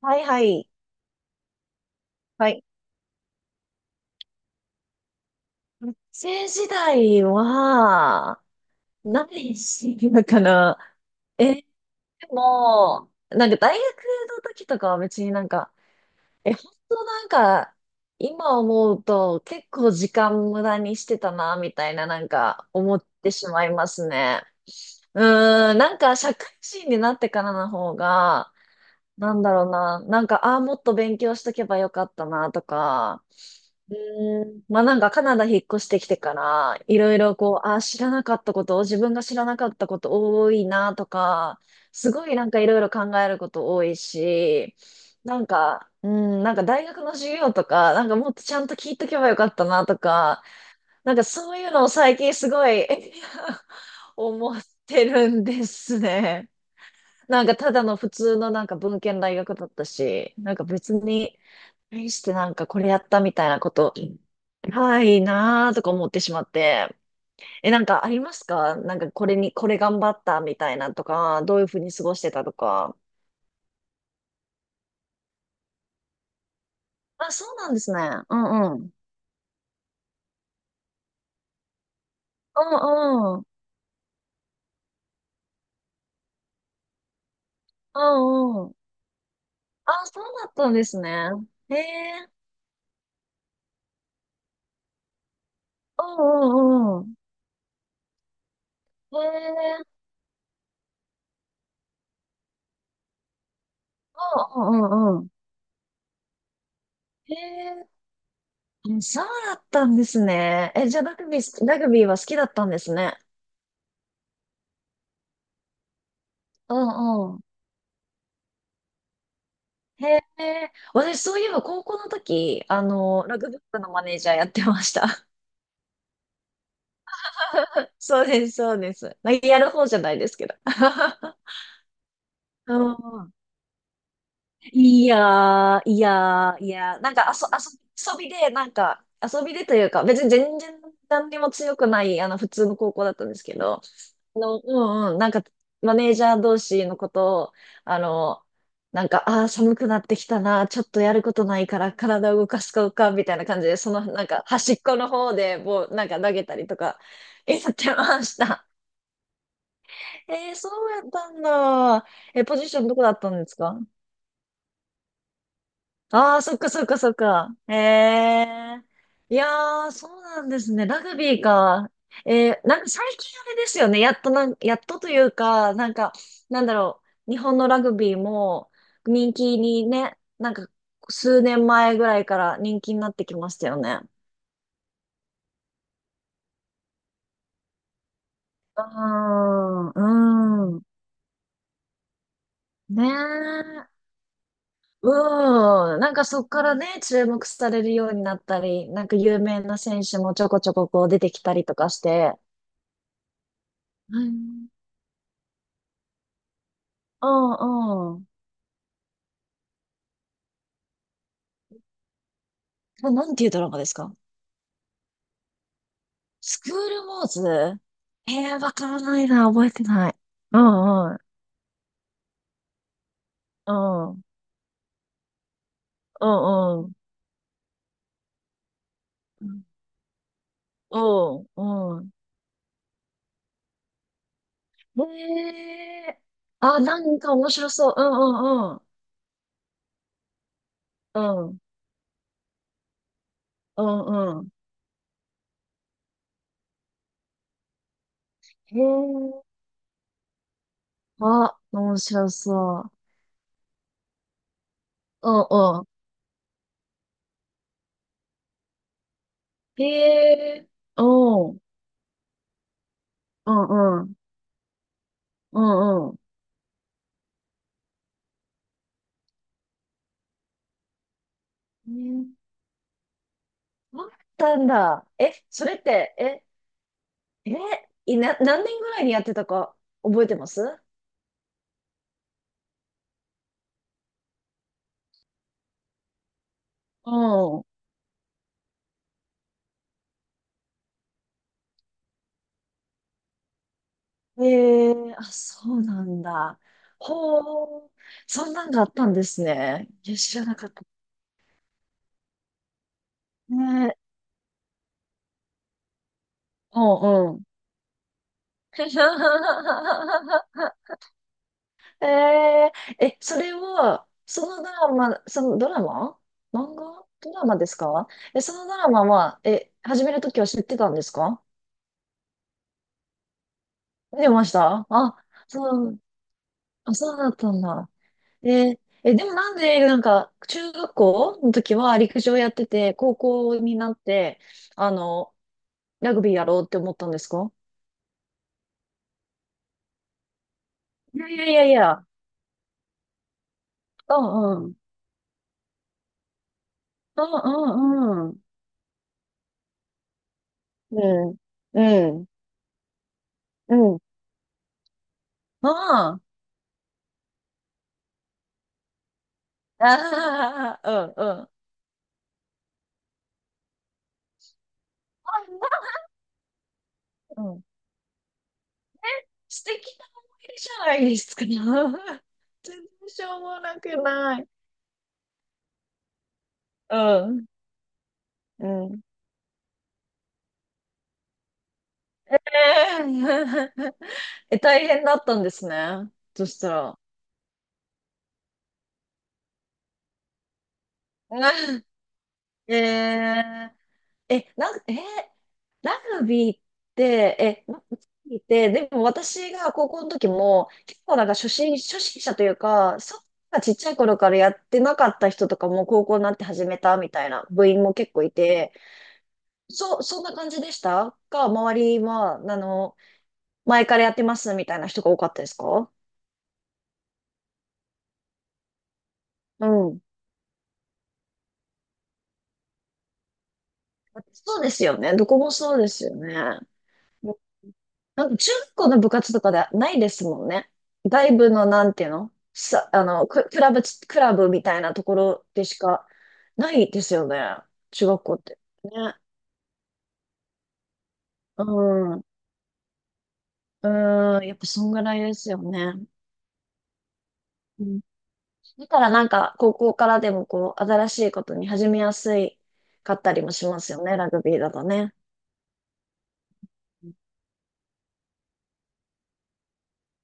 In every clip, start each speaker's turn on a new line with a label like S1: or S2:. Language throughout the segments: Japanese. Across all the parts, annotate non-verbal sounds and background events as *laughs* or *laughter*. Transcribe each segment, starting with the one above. S1: はいはい。はい。学生時代は、何してるのかな。でも、なんか大学の時とかは別になんか、本当なんか、今思うと結構時間無駄にしてたな、みたいななんか思ってしまいますね。うーん、なんか社会人になってからの方が、なんだろうな。なんか、ああ、もっと勉強しとけばよかったな、とか。うーん。まあなんか、カナダ引っ越してきてから、いろいろこう、ああ、知らなかったことを、自分が知らなかったこと多いな、とか、すごいなんかいろいろ考えること多いし、なんか、うん、なんか大学の授業とか、なんかもっとちゃんと聞いとけばよかったな、とか、なんかそういうのを最近すごい *laughs* 思ってるんですね。なんかただの普通のなんか文献大学だったし、なんか別に、対してなんかこれやったみたいなこと、ないなーとか思ってしまって。なんかありますか、なんかこれに、これ頑張ったみたいなとか、どういうふうに過ごしてたとか。あ、そうなんですね。うんうん。うんうん。うんうん。あ、そうだったんですね。へえ。うんうんうん。へえ。うんうんうんうん。へえ。うんそうだったんですね。え、じゃあラグビーは好きだったんですね。うんうん。へえ、私そういえば高校の時、ラグビー部のマネージャーやってました。*laughs* そうです、そうです。まあやる方じゃないですけど。*laughs* うんうん。いやー、いやー、いやー、なんか遊びで、なんか、遊びでというか、別に全然何にも強くない、普通の高校だったんですけど、うんうん、なんか、マネージャー同士のことを、あの、なんか、ああ、寒くなってきたな、ちょっとやることないから体を動かすかか、みたいな感じで、その、なんか、端っこの方で、もう、なんか投げたりとか、やってました。えー、そうやったんだ。え、ポジションどこだったんですか？ああ、そっかそっかそっか。ええ、いやー、そうなんですね。ラグビーか。なんか最近あれですよね。やっとというか、なんか、なんだろう。日本のラグビーも人気にね、なんか数年前ぐらいから人気になってきましたよね。うーん、うーん。ねえ。うん。なんかそっからね、注目されるようになったり、なんか有名な選手もちょこちょここう出てきたりとかして。うんうん。なんていうドラマですか？スクールモーズ？わからないな、覚えてない。うんうん。うん。うんうん。うんうん。へえー。あ、なんか面白そう。うんうんうん。うんうんうん。へえ。あ、面白そう。うんうん。へえ。うん。うんうん。うんうん。ね。あったんだ。それって、え、何年ぐらいにやってたか覚えてます？うん。ええ、あ、そうなんだ。ほう、そんなんがあったんですね。いや、知らなかった。ねえ。うんうん。*laughs* えええ、それは、そのドラマ、漫画ドラマですか？え、そのドラマは、始めるときは知ってたんですか？見てましたあ、そう、あ、そうだったんだ。ええ、でもなんで、なんか、中学校の時は陸上やってて、高校になって、あの、ラグビーやろうって思ったんですか？いやいやいやいや、うんうん。うんうんうん。うん。うん。うん。ああ。ああ。うんうん。うん。素敵な思い出じゃないですか。*laughs* 全然しょうもなくない。うん。うん。ええ。 *laughs* え、大変だったんですね。そしたら。*laughs* ええー、グビーって、ラグビーって、でも私が高校の時も、結構なんか初心者というか、そんなちっちゃい頃からやってなかった人とかも高校になって始めたみたいな部員も結構いて、そんな感じでしたか、周りは、前からやってますみたいな人が多かったですか？うん。そうですよね。どこもそうですよね。なん10個の部活とかではないですもんね。外部のなんていうのさ、クラブみたいなところでしかないですよね。中学校って。ね。うん。うん。やっぱそんぐらいですよね。うん。だからなんか、高校からでもこう、新しいことに始めやすいかったりもしますよね。ラグビーだとね。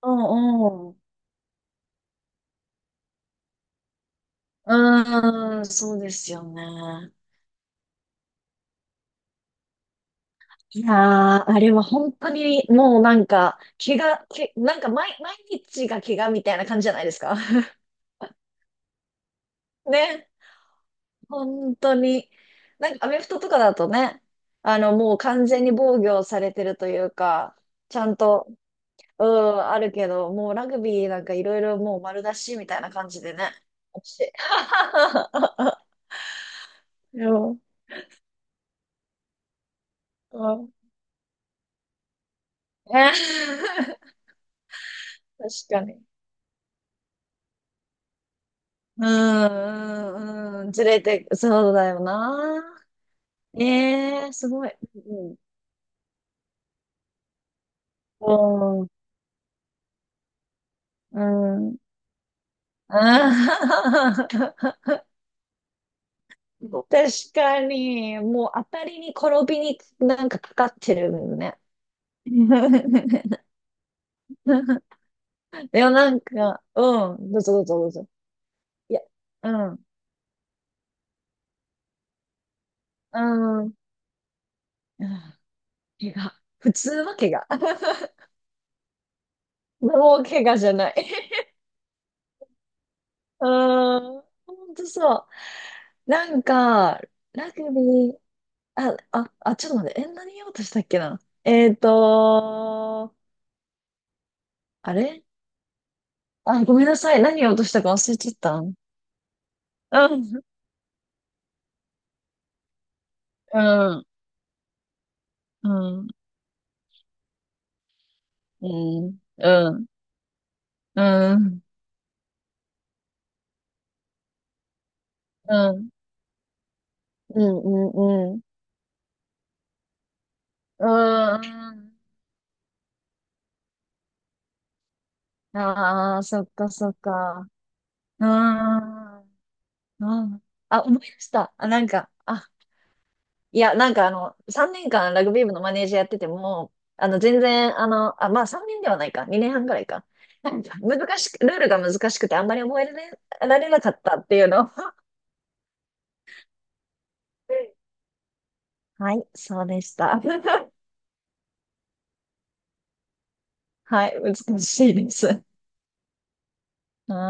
S1: うんうん。うん、そうですよね。いやー、あれは本当にもうなんか、怪我、け、なんか毎日が怪我みたいな感じじゃないですか。*laughs* ね、本当に。なんかアメフトとかだとね、もう完全に防御されてるというか、ちゃんと、うん、あるけど、もうラグビーなんかいろいろもう丸出しみたいな感じでね。惜しい。*laughs* でも、うん、ね。 *laughs* 確かに。うん、うん、うん、ずれて、そうだよな。ええ、すごい。うんうん。うん。あー。 *laughs* 確かに、もう当たりに転びになんかかかってるよね。*laughs* いや、なんか、うん、どうぞどうぞどうぞ。いや、うん、うん、うん、怪我。普通は怪我。*laughs* もう怪我じゃない。*laughs* うん、ほんとそう。なんか、ラグビー、あ、あ、あ、ちょっと待って。え、何言おうとしたっけな。あれ、あ、ごめんなさい。何言おうとしたか忘れちゃったん。うん、うん、うん、うん、うん、うん、うん、うん、うん、うん。うん、ああー、そっかそっか。うん、うん。あ、思い出した。あ、なんか、あ、いや、なんか3年間ラグビー部のマネージャーやってても、全然、あ、まあ3年ではないか、2年半ぐらいか。なんか難しく、ルールが難しくてあんまり覚えられ、*laughs* られなかったっていうの。*laughs* はい、そうでした。*laughs* はい、難しいです。*laughs* はい。